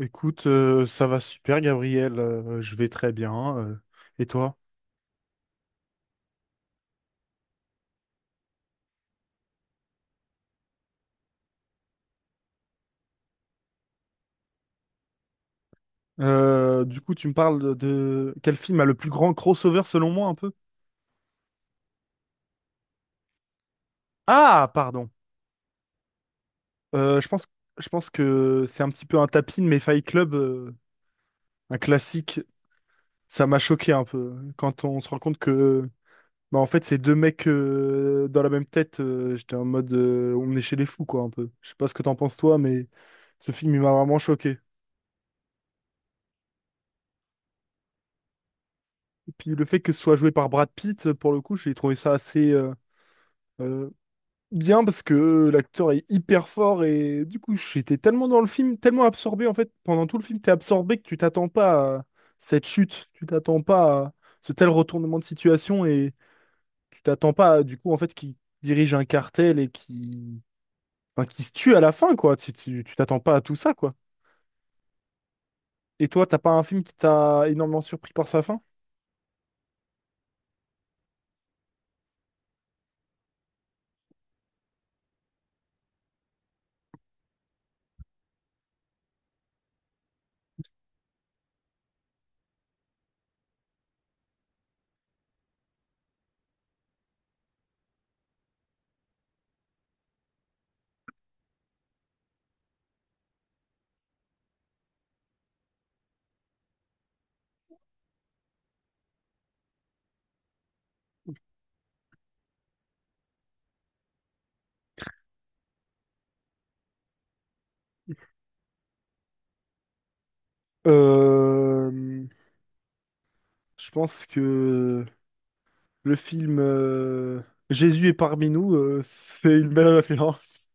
Écoute, ça va super, Gabriel. Je vais très bien. Et toi? Du coup, tu me parles de quel film a le plus grand crossover selon moi un peu? Ah, pardon. Euh, je pense, je pense que c'est un petit peu un tapis, mais Fight Club, un classique, ça m'a choqué un peu, hein. Quand on se rend compte que, bah, en fait, c'est deux mecs dans la même tête. J'étais en mode, on est chez les fous, quoi, un peu. Je sais pas ce que t'en penses toi, mais ce film il m'a vraiment choqué. Puis le fait que ce soit joué par Brad Pitt, pour le coup, j'ai trouvé ça assez euh, bien parce que l'acteur est hyper fort et du coup, j'étais tellement dans le film, tellement absorbé en fait, pendant tout le film, t'es absorbé que tu t'attends pas à cette chute, tu t'attends pas à ce tel retournement de situation et tu t'attends pas à, du coup en fait qui dirige un cartel et qui enfin, qui se tue à la fin, quoi. Tu t'attends pas à tout ça, quoi. Et toi, t'as pas un film qui t'a énormément surpris par sa fin? Euh, je pense que le film Jésus est parmi nous, c'est une belle référence.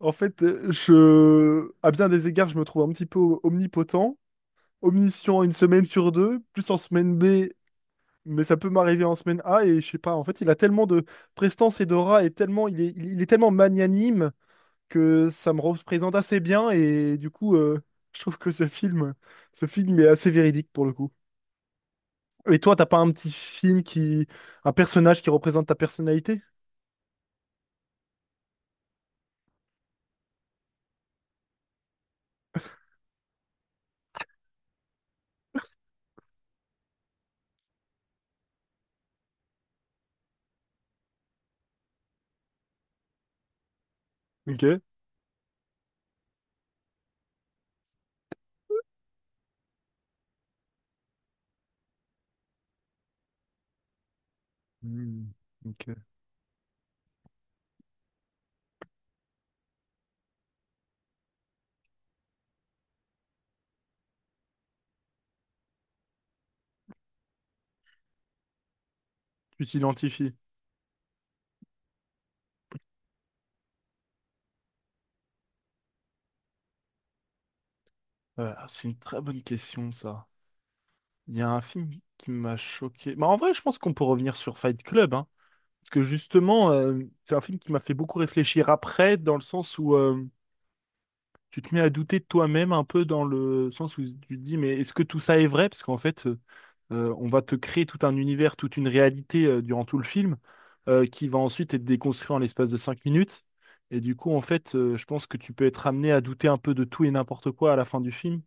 En fait, à bien des égards, je me trouve un petit peu omnipotent, omniscient une semaine sur deux, plus en semaine B, mais ça peut m'arriver en semaine A, et je sais pas, en fait, il a tellement de prestance et d'aura, et tellement, il est tellement magnanime que ça me représente assez bien, et du coup, je trouve que ce film est assez véridique pour le coup. Et toi, t'as pas un personnage qui représente ta personnalité? Ok. Hmm, ok. Tu t'identifies. Ah, c'est une très bonne question, ça. Il y a un film qui m'a choqué. Bah, en vrai, je pense qu'on peut revenir sur Fight Club, hein. Parce que justement, c'est un film qui m'a fait beaucoup réfléchir après, dans le sens où tu te mets à douter de toi-même un peu dans le sens où tu te dis, mais est-ce que tout ça est vrai? Parce qu'en fait, on va te créer tout un univers, toute une réalité durant tout le film, qui va ensuite être déconstruit en l'espace de cinq minutes. Et du coup, en fait, je pense que tu peux être amené à douter un peu de tout et n'importe quoi à la fin du film,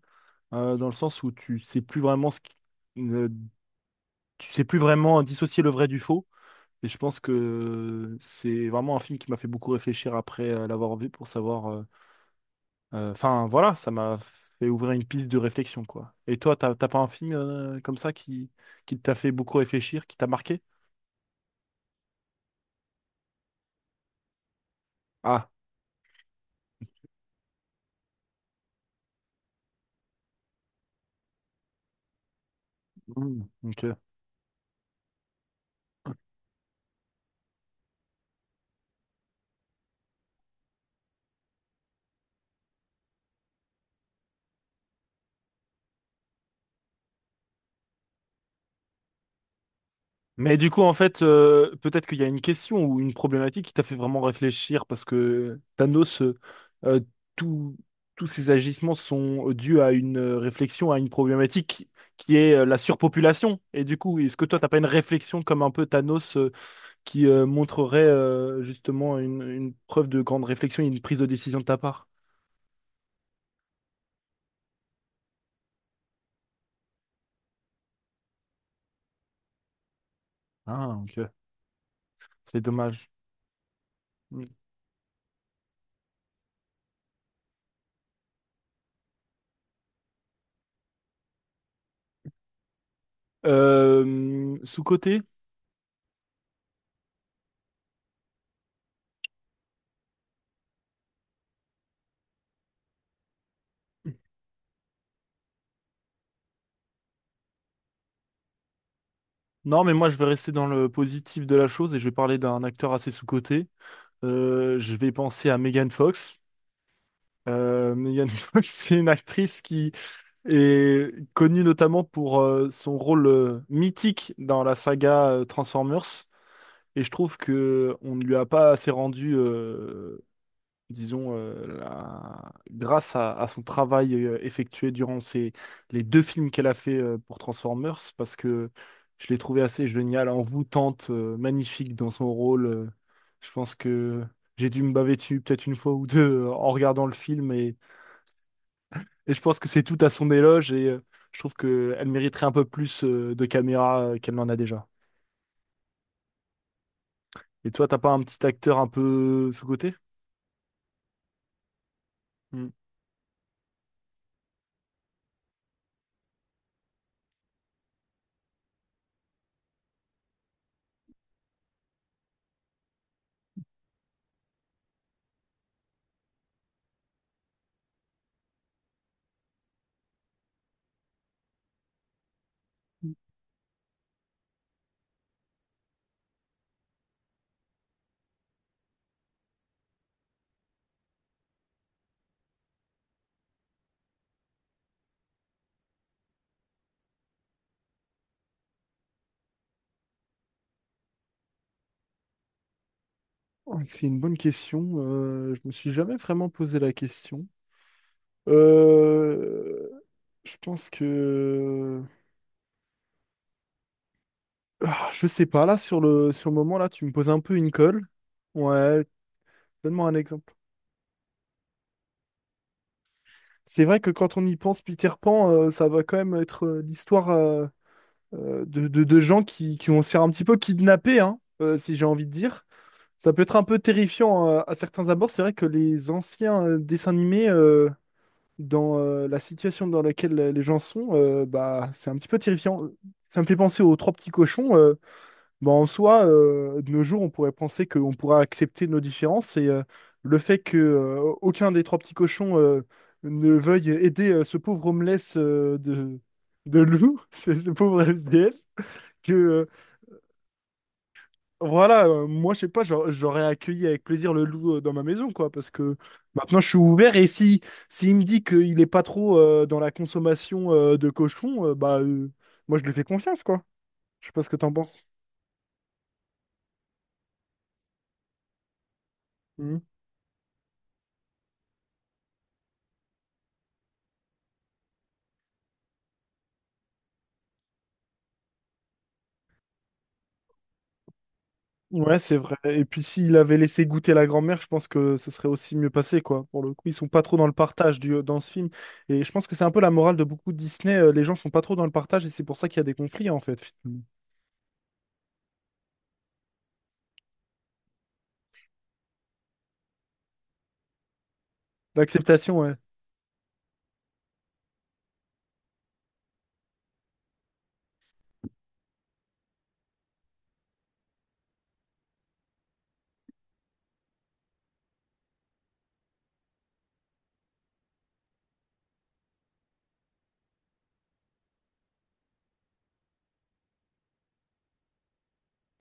dans le sens où tu sais plus vraiment ce qui- ne- tu sais plus vraiment dissocier le vrai du faux. Et je pense que c'est vraiment un film qui m'a fait beaucoup réfléchir après l'avoir vu pour savoir enfin, voilà, ça m'a fait ouvrir une piste de réflexion, quoi. Et toi, t'as pas un film comme ça qui t'a fait beaucoup réfléchir, qui t'a marqué? Ah, hmm, ok. Mais du coup, en fait, peut-être qu'il y a une question ou une problématique qui t'a fait vraiment réfléchir parce que Thanos, euh, tout- tous ses agissements sont dus à une réflexion, à une problématique qui est la surpopulation. Et du coup, est-ce que toi, t'as pas une réflexion comme un peu Thanos qui montrerait justement une preuve de grande réflexion et une prise de décision de ta part. Ah, ok. C'est dommage. Mm. Sous-coté? Non, mais moi je vais rester dans le positif de la chose et je vais parler d'un acteur assez sous-coté. Je vais penser à Megan Fox. Megan Fox, c'est une actrice qui est connue notamment pour son rôle mythique dans la saga Transformers. Et je trouve que on ne lui a pas assez rendu disons, grâce à son travail effectué durant ces, les deux films qu'elle a fait pour Transformers, parce que je l'ai trouvée assez géniale, envoûtante, magnifique dans son rôle. Je pense que j'ai dû me baver dessus peut-être une fois ou deux en regardant le film, et je pense que c'est tout à son éloge, et je trouve qu'elle mériterait un peu plus de caméra qu'elle n'en a déjà. Et toi, t'as pas un petit acteur un peu sous-coté? Hmm. Oh, c'est une bonne question. Je me suis jamais vraiment posé la question. Euh, je pense que... Ah, je sais pas, là, sur sur le moment, là, tu me poses un peu une colle. Ouais, donne-moi un exemple. C'est vrai que quand on y pense, Peter Pan, ça va quand même être l'histoire de gens qui vont se faire un petit peu kidnapper, hein, si j'ai envie de dire. Ça peut être un peu terrifiant à certains abords. C'est vrai que les anciens dessins animés, dans la situation dans laquelle les gens sont, bah, c'est un petit peu terrifiant. Ça me fait penser aux Trois Petits Cochons. Bon, en soi, de nos jours, on pourrait penser qu'on pourra accepter nos différences et le fait que aucun des trois petits cochons ne veuille aider ce pauvre homeless de loup, ce pauvre SDF, que voilà, moi je sais pas, j'aurais accueilli avec plaisir le loup dans ma maison, quoi, parce que maintenant je suis ouvert et si, s'il me dit qu'il est pas trop dans la consommation de cochons, moi je lui fais confiance, quoi. Je sais pas ce que t'en penses. Mmh. Ouais, c'est vrai. Et puis s'il avait laissé goûter la grand-mère, je pense que ça serait aussi mieux passé, quoi. Pour le coup, ils sont pas trop dans dans ce film. Et je pense que c'est un peu la morale de beaucoup de Disney. Les gens sont pas trop dans le partage et c'est pour ça qu'il y a des conflits, en fait, finalement. L'acceptation, ouais.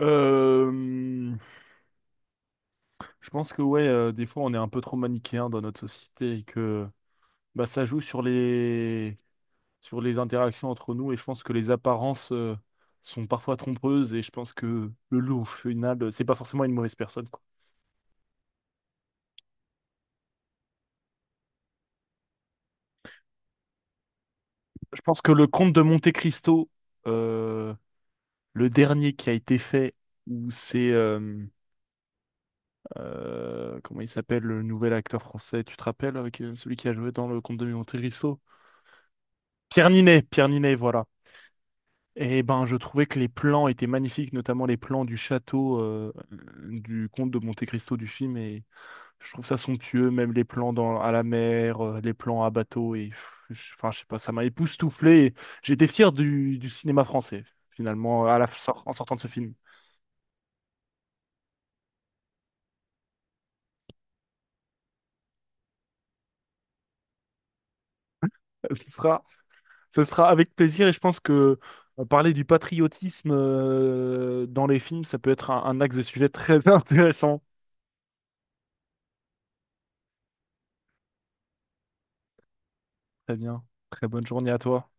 Euh, je pense que ouais, des fois on est un peu trop manichéen dans notre société et que bah, ça joue sur les interactions entre nous et je pense que les apparences sont parfois trompeuses et je pense que le loup au final c'est pas forcément une mauvaise personne, quoi. Je pense que le conte de Monte Cristo, euh, le dernier qui a été fait, où c'est comment il s'appelle le nouvel acteur français, tu te rappelles, avec celui qui a joué dans le conte de Monte Cristo? Pierre Ninet, voilà. Et ben, je trouvais que les plans étaient magnifiques, notamment les plans du château du comte de Monte Cristo du film, et je trouve ça somptueux, même les plans dans, à la mer, les plans à bateau. Et, pff, enfin, je sais pas, ça m'a époustouflé, et j'étais fier du cinéma français, finalement, à en sortant de ce film. Ce sera, ce sera avec plaisir et je pense que parler du patriotisme dans les films, ça peut être un axe de sujet très intéressant. Très bien. Très bonne journée à toi.